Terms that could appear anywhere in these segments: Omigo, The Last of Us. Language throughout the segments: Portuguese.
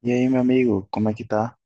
E aí, meu amigo, como é que tá?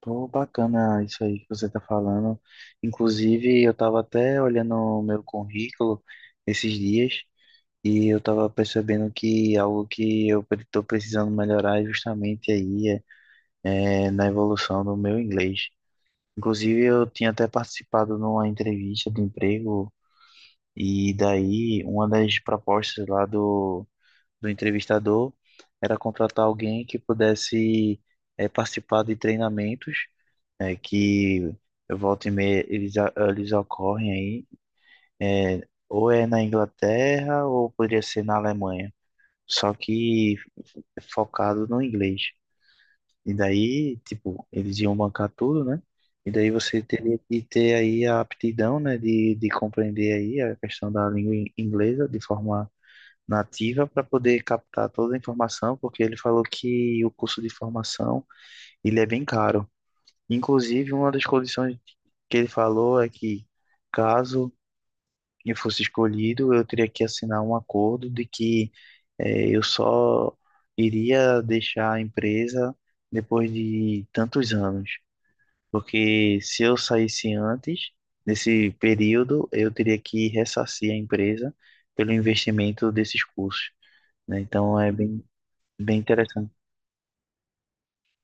Tô bacana isso aí que você tá falando. Inclusive, eu tava até olhando o meu currículo esses dias e eu tava percebendo que algo que tô precisando melhorar é justamente aí é na evolução do meu inglês. Inclusive, eu tinha até participado numa entrevista de emprego e daí uma das propostas lá do entrevistador era contratar alguém que pudesse participar de treinamentos que volta e meia eles ocorrem aí, é, ou é na Inglaterra ou poderia ser na Alemanha, só que focado no inglês. E daí, tipo, eles iam bancar tudo, né? E daí você teria que ter aí a aptidão, né, de compreender aí a questão da inglesa de forma nativa para poder captar toda a informação, porque ele falou que o curso de formação, ele é bem caro. Inclusive, uma das condições que ele falou é que, caso eu fosse escolhido, eu teria que assinar um acordo de que eu só iria deixar a empresa depois de tantos anos. Porque se eu saísse antes desse período, eu teria que ressarcir a empresa pelo investimento desses custos, né? Então, bem interessante.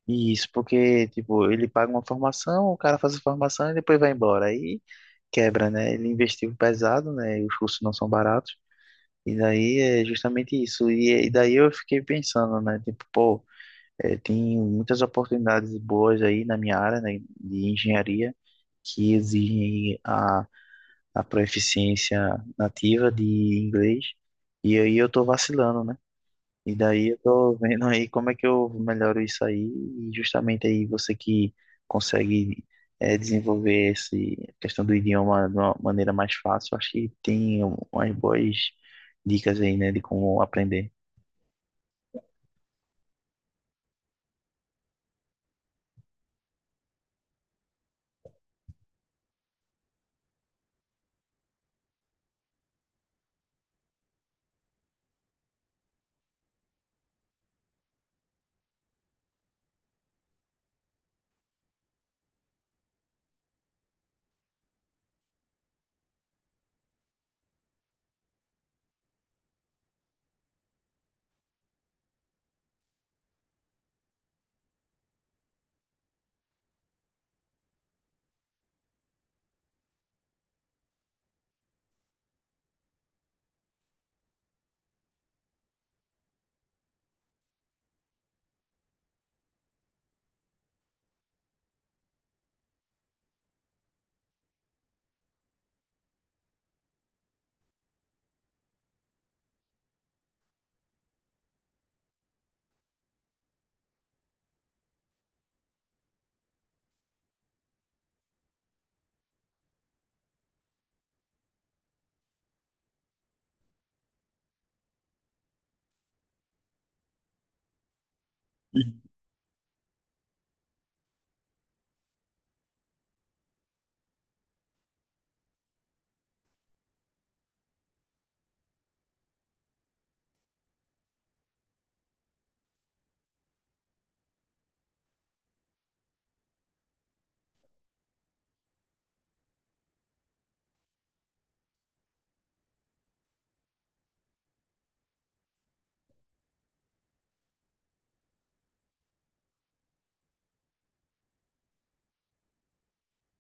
Isso, porque, tipo, ele paga uma formação, o cara faz a formação e depois vai embora. Aí quebra, né? Ele investiu pesado, né? E os cursos não são baratos. E daí é justamente isso. E daí eu fiquei pensando, né? Tipo, pô, é, tem muitas oportunidades boas aí na minha área, né? De engenharia, que exigem a proficiência nativa de inglês. E aí eu tô vacilando, né? E daí eu tô vendo aí como é que eu melhoro isso aí, e justamente aí você que consegue desenvolver essa questão do idioma de uma maneira mais fácil, acho que tem umas boas dicas aí, né, de como aprender.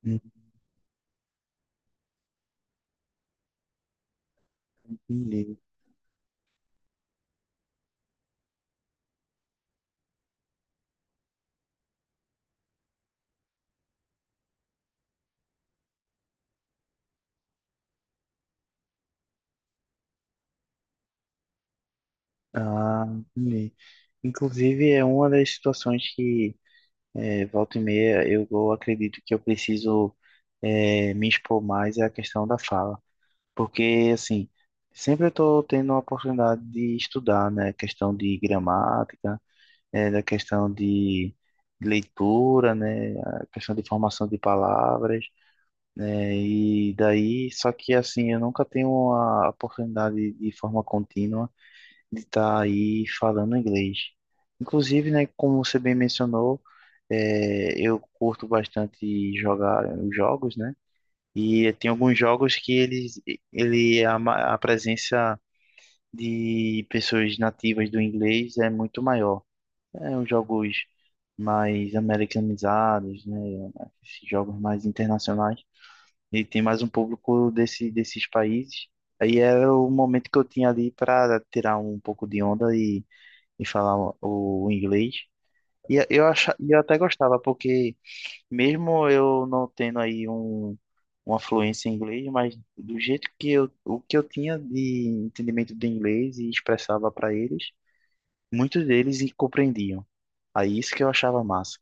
Uhum. Entendi. Ah, entendi. Inclusive, é uma das situações que volta e meia eu acredito que eu preciso me expor mais é a questão da fala. Porque, assim, sempre eu estou tendo a oportunidade de estudar, né? Questão de gramática, da questão de leitura, né? A questão de formação de palavras, né? E daí, só que, assim, eu nunca tenho a oportunidade de forma contínua de estar aí falando inglês. Inclusive, né? Como você bem mencionou, eu curto bastante jogar né, jogos, né? E tem alguns jogos que eles, ele, a, ma- a presença de pessoas nativas do inglês é muito maior. É uns jogos mais americanizados, né? Esses jogos mais internacionais. E tem mais um público desses países. Aí era o momento que eu tinha ali para tirar um pouco de onda e falar o inglês. E eu até gostava, porque mesmo eu não tendo aí uma fluência em inglês, mas do jeito que o que eu tinha de entendimento de inglês e expressava para eles, muitos deles e compreendiam. Aí isso que eu achava massa,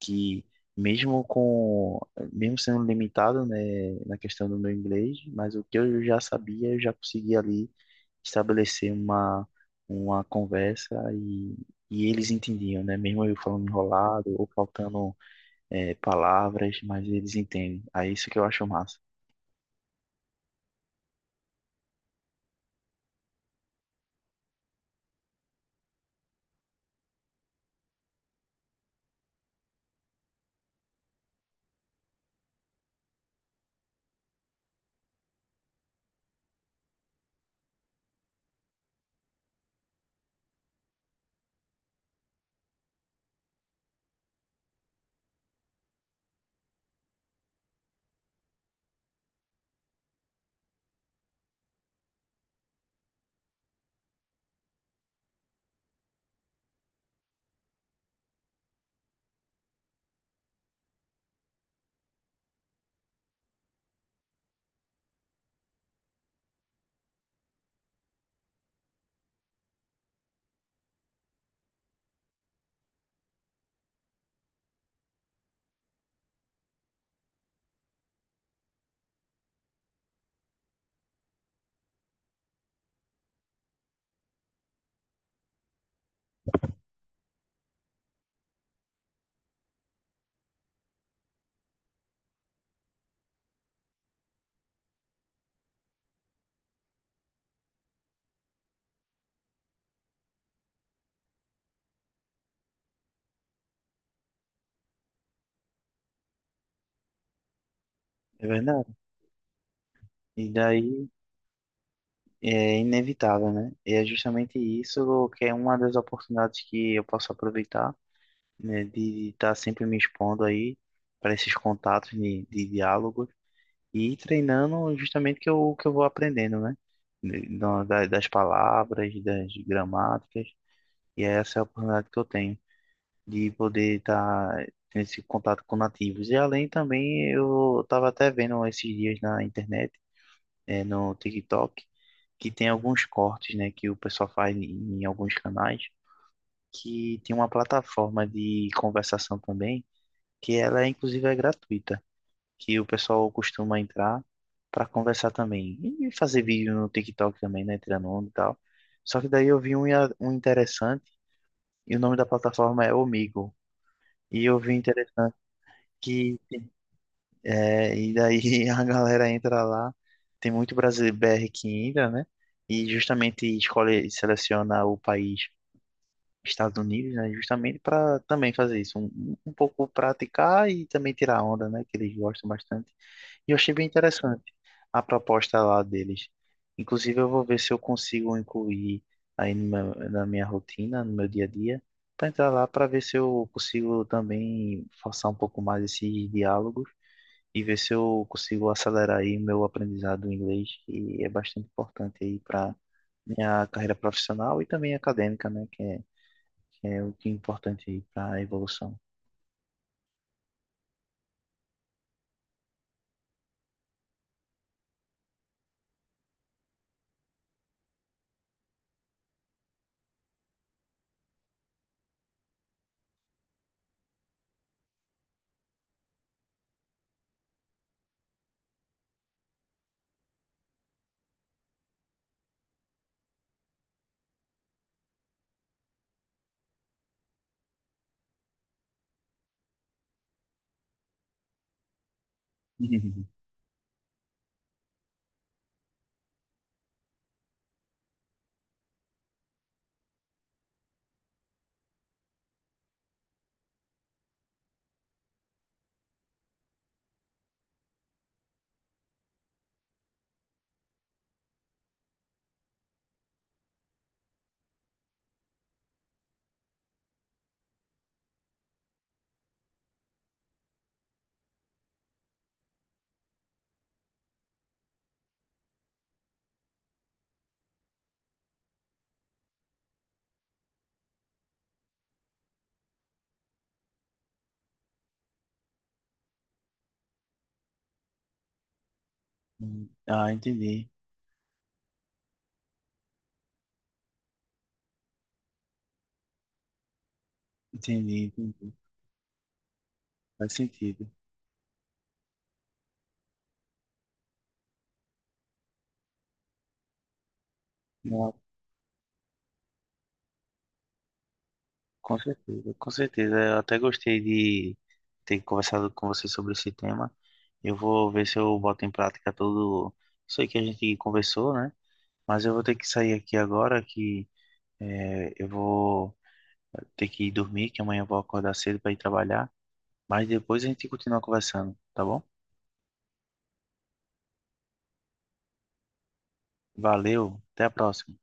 que mesmo com, mesmo sendo limitado, né, na questão do meu inglês, mas o que eu já sabia, eu já conseguia ali estabelecer uma conversa e eles entendiam, né, mesmo eu falando enrolado ou faltando palavras, mas eles entendem. Aí isso que eu acho massa. É verdade. E daí é inevitável, né? E é justamente isso que é uma das oportunidades que eu posso aproveitar, né? De estar sempre me expondo aí para esses contatos de diálogo e ir treinando justamente o que eu vou aprendendo, né? Das palavras, das gramáticas, e essa é a oportunidade que eu tenho de poder estar nesse contato com nativos. E além também, eu estava até vendo esses dias na internet, no TikTok, que tem alguns cortes, né, que o pessoal faz em, em alguns canais, que tem uma plataforma de conversação também, que ela inclusive é gratuita, que o pessoal costuma entrar para conversar também e fazer vídeo no TikTok também, né, tirando onda e tal. Só que daí eu vi um interessante e o nome da plataforma é Omigo. E eu vi interessante que é, e daí a galera entra lá, tem muito brasileiro BR que entra, né? E justamente escolhe, seleciona o país Estados Unidos, né? Justamente para também fazer isso, um pouco praticar e também tirar onda, né? Que eles gostam bastante. E eu achei bem interessante a proposta lá deles. Inclusive, eu vou ver se eu consigo incluir aí no meu- na minha rotina, no meu dia a dia, para entrar lá para ver se eu consigo também forçar um pouco mais esses diálogos e ver se eu consigo acelerar aí meu aprendizado em inglês, que é bastante importante aí para minha carreira profissional e também acadêmica, né? Que é o que é importante aí para a evolução. Ah, entendi, entendi, entendi. Faz sentido. Não, com certeza, com certeza. Eu até gostei de ter conversado com você sobre esse tema. Eu vou ver se eu boto em prática tudo isso aí que a gente conversou, né? Mas eu vou ter que sair aqui agora, que eu vou ter que ir dormir, que amanhã eu vou acordar cedo para ir trabalhar. Mas depois a gente continua conversando, tá bom? Valeu, até a próxima.